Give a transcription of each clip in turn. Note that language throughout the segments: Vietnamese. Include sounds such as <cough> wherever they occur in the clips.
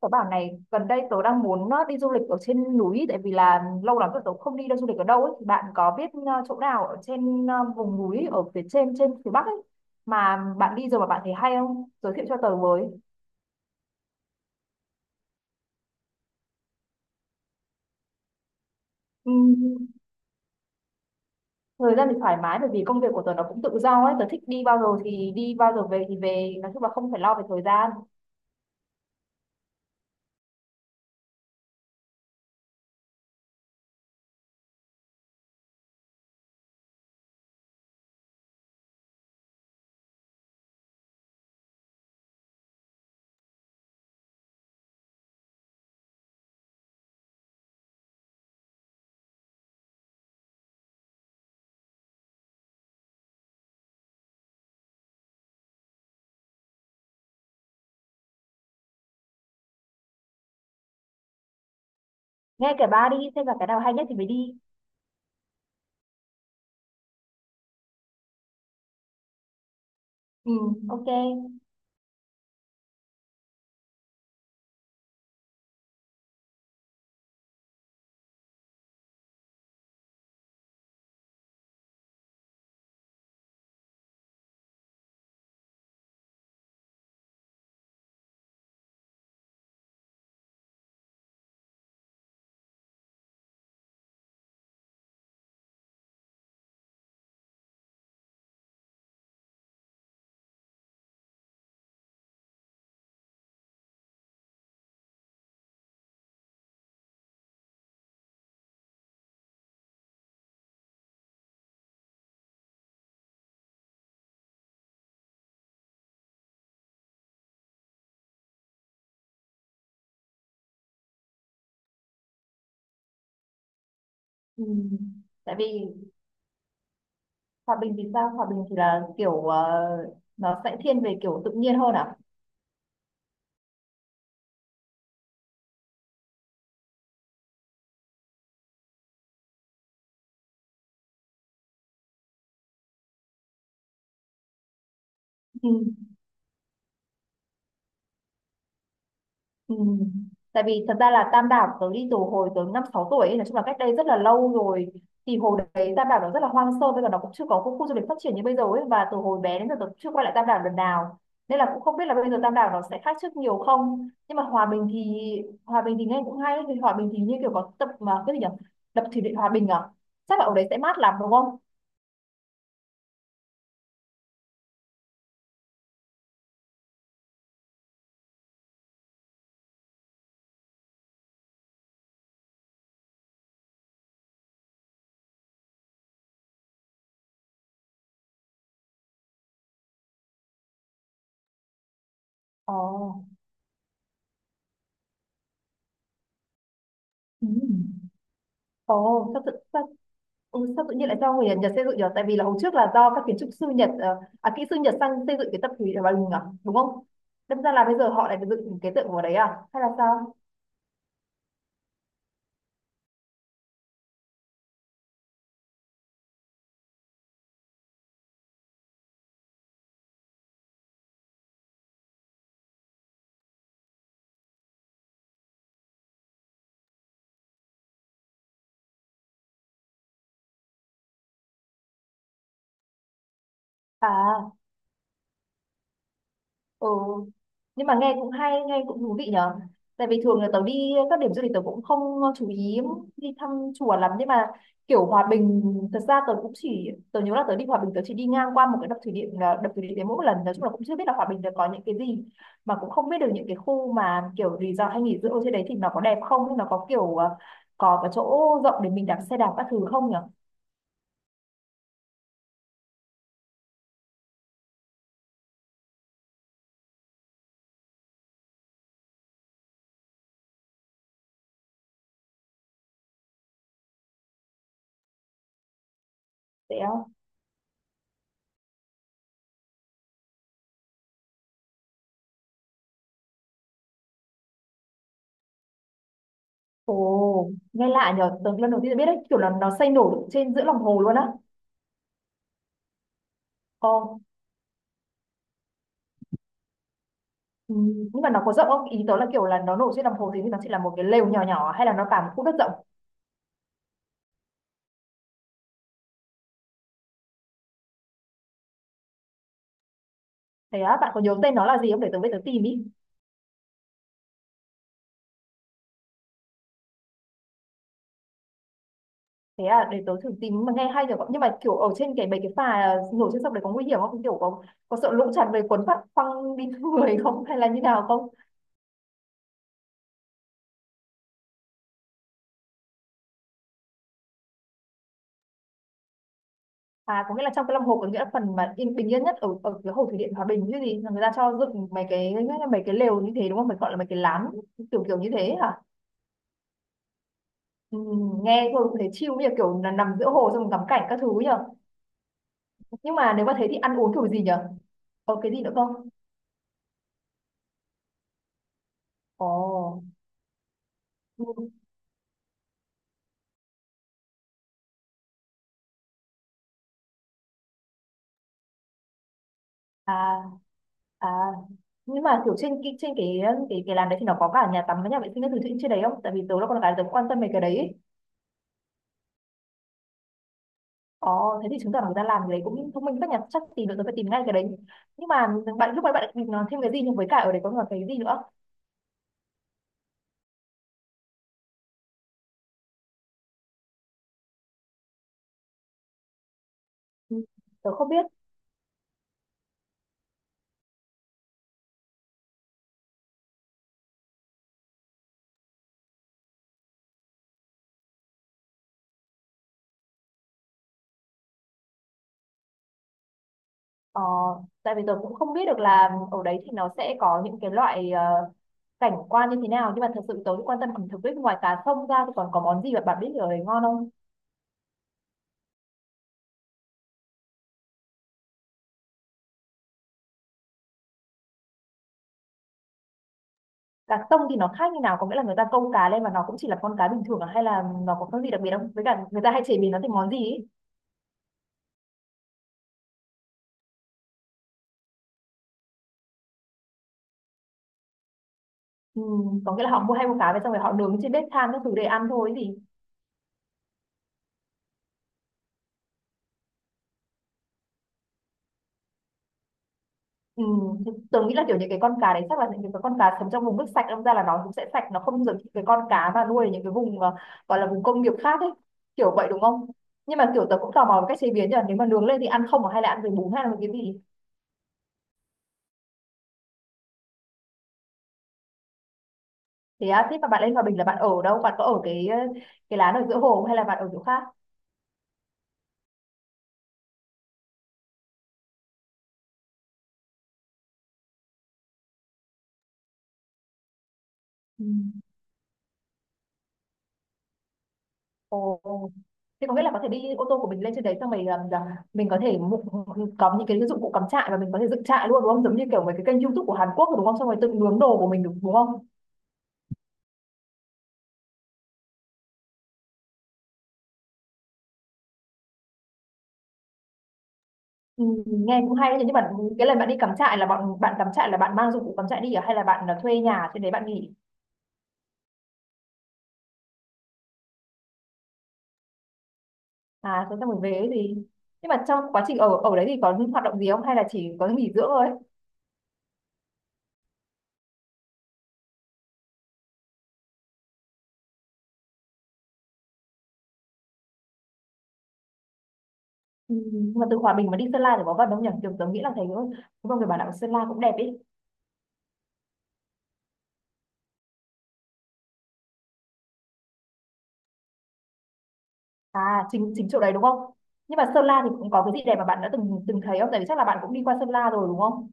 Tớ bảo này, gần đây tớ đang muốn đi du lịch ở trên núi, tại vì là lâu lắm rồi tớ không đi đâu du lịch ở đâu ấy. Thì bạn có biết chỗ nào ở trên vùng núi ở phía trên trên phía Bắc ấy mà bạn đi rồi mà bạn thấy hay không? Giới thiệu cho tớ với. Ừm, Thời gian thì thoải mái, bởi vì công việc của tớ nó cũng tự do ấy, tớ thích đi bao giờ thì đi, bao giờ về thì về, nói chung là không phải lo về thời gian. Nghe kể ba đi xem là cái nào hay nhất thì mới đi. Ừ, ok. Ừ. Tại vì Hòa Bình thì sao? Hòa Bình thì là kiểu nó sẽ thiên về kiểu tự nhiên hơn à? Ừ. Ừ. Tại vì thật ra là Tam Đảo tớ đi từ hồi tớ năm sáu tuổi ấy, nói chung là cách đây rất là lâu rồi, thì hồi đấy Tam Đảo nó rất là hoang sơ, bây giờ nó cũng chưa có khu, khu du lịch phát triển như bây giờ ấy, và từ hồi bé đến giờ tớ chưa quay lại Tam Đảo lần nào nên là cũng không biết là bây giờ Tam Đảo nó sẽ khác trước nhiều không. Nhưng mà Hòa Bình thì nghe cũng hay. Thì Hòa Bình thì như kiểu có tập mà cái gì nhỉ, đập thủy điện Hòa Bình à, chắc là ở đấy sẽ mát lắm đúng không? Ồ. Ừ. Ồ, ừ, sao tự nhiên lại do người Nhật xây dựng nhỉ? Tại vì là hồi trước là do các kiến trúc sư Nhật kỹ sư Nhật sang xây dựng cái tập thủy ở Bà Lùng à, đúng không? Đâm ra là bây giờ họ lại dựng cái tượng vào đấy à? Hay là sao? À, ừ. Nhưng mà nghe cũng hay, nghe cũng thú vị nhở. Tại vì thường là tớ đi các điểm du lịch tớ cũng không chú ý đi thăm chùa lắm, nhưng mà kiểu Hòa Bình, thật ra tớ cũng chỉ tớ nhớ là tớ đi Hòa Bình tớ chỉ đi ngang qua một cái đập thủy điện, là đập thủy điện đấy mỗi một lần, nói chung là cũng chưa biết là Hòa Bình nó có những cái gì, mà cũng không biết được những cái khu mà kiểu resort hay nghỉ dưỡng ở trên đấy thì nó có đẹp không, hay nó có kiểu có cái chỗ rộng để mình đạp xe đạp các thứ không nhở? Thế không? Ồ, nghe lạ nhở, tớ lần đầu tiên biết đấy, kiểu là nó xây nổi trên giữa lòng hồ luôn á. Ồ, ừ, nhưng mà nó có rộng không? Ý tớ là kiểu là nó nổi trên đồng hồ thì nó chỉ là một cái lều nhỏ nhỏ, hay là nó cả một khu đất rộng? Thế á, bạn có nhớ tên nó là gì không? Để tớ về tớ tìm ý. Thế à, để tớ thử tìm, mà nghe hay rồi. Nhưng mà kiểu ở trên cái mấy cái phà nổi trên sông đấy có nguy hiểm không? Kiểu có sợ lũ tràn về cuốn phát phăng đi <laughs> người không? Hay là như nào không? À, có nghĩa là trong cái lòng hồ, có nghĩa là phần mà yên bình yên nhất ở ở cái hồ thủy điện Hòa Bình chứ gì, là người ta cho dựng mấy cái lều như thế đúng không? Phải gọi là mấy cái lán kiểu kiểu như thế hả? Ừ, nghe thôi cũng thấy chill, như kiểu là nằm giữa hồ xong ngắm cảnh các thứ nhỉ? Nhưng mà nếu mà thế thì ăn uống kiểu gì nhở, có cái gì nữa không? Ồ. Ừ. À, à, nhưng mà kiểu trên cái làm đấy thì nó có cả nhà tắm với nhà vệ sinh các thứ trên trên đấy không, tại vì tớ là con gái tớ cũng quan tâm về cái đấy ấy. Ồ, thế thì chứng tỏ là người ta làm cái đấy cũng thông minh, các nhà chắc tìm được, tớ phải tìm ngay cái đấy. Nhưng mà bạn lúc nãy bạn định nói thêm cái gì, nhưng với cả ở đấy có còn cái gì nữa? Ừ, tớ không biết. Ờ, tại vì tôi cũng không biết được là ở đấy thì nó sẽ có những cái loại cảnh quan như thế nào, nhưng mà thật sự tôi cũng quan tâm ẩm thực ấy, ngoài cá sông ra thì còn có món gì mà bạn biết ở đấy ngon không? Cá sông thì nó khác như nào, có nghĩa là người ta câu cá lên và nó cũng chỉ là con cá bình thường à? Hay là nó có cái gì đặc biệt không, với cả người ta hay chế biến nó thành món gì ấy? Ừ, có nghĩa là họ mua hay mua cá về xong rồi họ nướng trên bếp than các thứ để ăn thôi ấy gì. Ừ, thì tớ nghĩ là kiểu những cái con cá đấy chắc là những cái con cá sống trong vùng nước sạch, đâm ra là nó cũng sẽ sạch, nó không giống những cái con cá mà nuôi ở những cái vùng gọi là vùng công nghiệp khác ấy, kiểu vậy đúng không? Nhưng mà kiểu tớ cũng tò mò về cách chế biến nhỉ, nếu mà nướng lên thì ăn không à? Hay là ăn với bún hay là với cái gì? Thế à, thế mà bạn lên Hòa Bình là bạn ở đâu, bạn có ở cái cái lán ở giữa hồ không, hay là bạn ở chỗ khác? Ừ. Ồ, ồ. Thế có nghĩa là có thể đi ô tô của mình lên trên đấy xong mình làm, mình có thể có những cái dụng cụ cắm trại và mình có thể dựng trại luôn đúng không, giống như kiểu mấy cái kênh YouTube của Hàn Quốc rồi đúng không, xong rồi tự nướng đồ của mình đúng đúng không? Ừ, nghe cũng hay đấy. Thế nhưng mà cái lần bạn đi cắm trại là bọn bạn cắm trại là bạn mang dụng cụ cắm trại đi à? Hay là bạn là thuê nhà trên đấy bạn nghỉ? À thế xong rồi về ấy gì, nhưng mà trong quá trình ở ở đấy thì có những hoạt động gì không, hay là chỉ có nghỉ dưỡng thôi? Ừ, mà từ Hòa Bình mà đi Sơn La thì có vận động nhỉ, kiểu tớ nghĩ là thấy đúng không, người Bảo Đạo Sơn La cũng đẹp ý. À chính chính chỗ đấy đúng không. Nhưng mà Sơn La thì cũng có cái gì đẹp mà bạn đã từng từng thấy không, tại vì chắc là bạn cũng đi qua Sơn La rồi đúng không?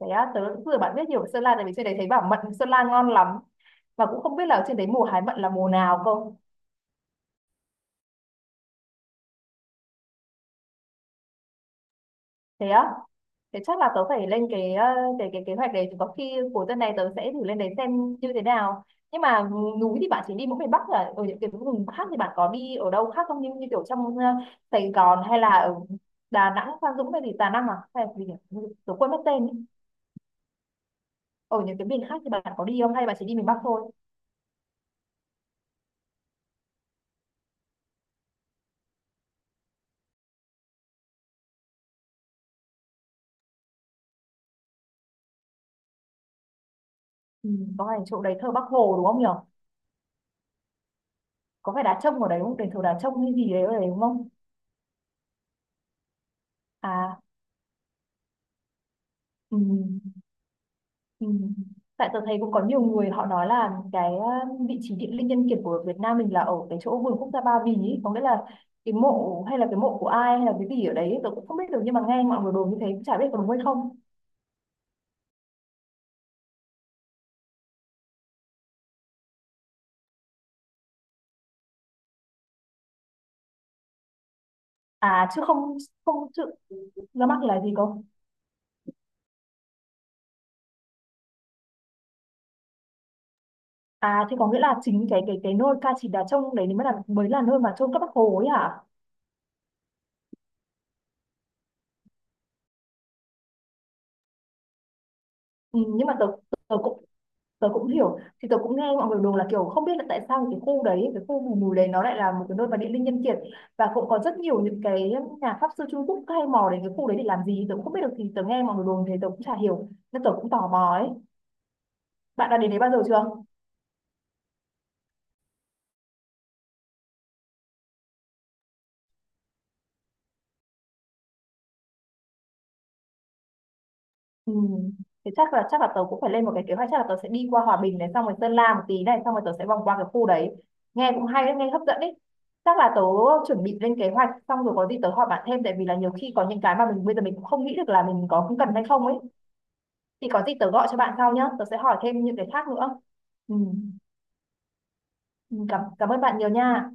Thế á, tớ cũng vừa bạn biết nhiều về Sơn La, tại vì trên đấy thấy bảo mận Sơn La ngon lắm, và cũng không biết là trên đấy mùa hái mận là mùa nào cơ. Thế á. Thế chắc là tớ phải lên cái cái kế hoạch đấy, thì có khi cuối tuần này tớ sẽ thử lên đấy xem như thế nào. Nhưng mà núi thì bạn chỉ đi mỗi miền Bắc, là ở những cái vùng khác thì bạn có đi ở đâu khác không, như như kiểu trong Sài Gòn hay là ở Đà Nẵng, Phan Dũng hay gì, Đà Nẵng à hay là gì nhỉ? Tớ quên mất tên ấy. Ở những cái miền khác thì bạn có đi không hay bạn chỉ đi miền Bắc thôi? Ừ, có phải chỗ đấy thờ Bác Hồ đúng không nhỉ? Có phải đá trông ở đấy không? Đền thờ đá trông hay gì đấy ở đấy đúng không? À, ừ. Ừ. Tại tôi thấy cũng có nhiều người họ nói là cái vị trí địa linh nhân kiệt của Việt Nam mình là ở cái chỗ vườn quốc gia Ba Vì ý. Có nghĩa là cái mộ hay là cái mộ của ai hay là cái gì ở đấy tôi cũng không biết được, nhưng mà nghe mọi người đồn như thế cũng chả biết có đúng hay không. À chứ không, không chứ, nó mắc là gì không? À thì có nghĩa là chính cái cái nơi ca chỉ đá trông đấy mới là nơi mà chôn các bác Hồ ấy hả? Ừ, nhưng mà tôi cũng tớ cũng hiểu, thì tớ cũng nghe mọi người đồn là kiểu không biết là tại sao cái khu đấy cái khu vùng núi đấy nó lại là một cái nơi mà địa linh nhân kiệt, và cũng có rất nhiều những cái nhà pháp sư Trung Quốc hay mò đến cái khu đấy để làm gì tớ cũng không biết được, thì tớ nghe mọi người đồn thế tớ cũng chả hiểu nên tớ cũng tò mò ấy. Bạn đã đến đấy bao giờ chưa? Ừ. Thế chắc là tớ cũng phải lên một cái kế hoạch, chắc là tớ sẽ đi qua Hòa Bình này, xong rồi Sơn La một tí này, xong rồi tớ sẽ vòng qua cái khu đấy. Nghe cũng hay đấy, nghe hấp dẫn đấy. Chắc là tớ chuẩn bị lên kế hoạch xong rồi có gì tớ hỏi bạn thêm, tại vì là nhiều khi có những cái mà mình bây giờ mình cũng không nghĩ được là mình có cần hay không ấy. Thì có gì tớ gọi cho bạn sau nhé, tớ sẽ hỏi thêm những cái khác nữa. Ừ, Ừ, cảm cảm ơn bạn nhiều nha.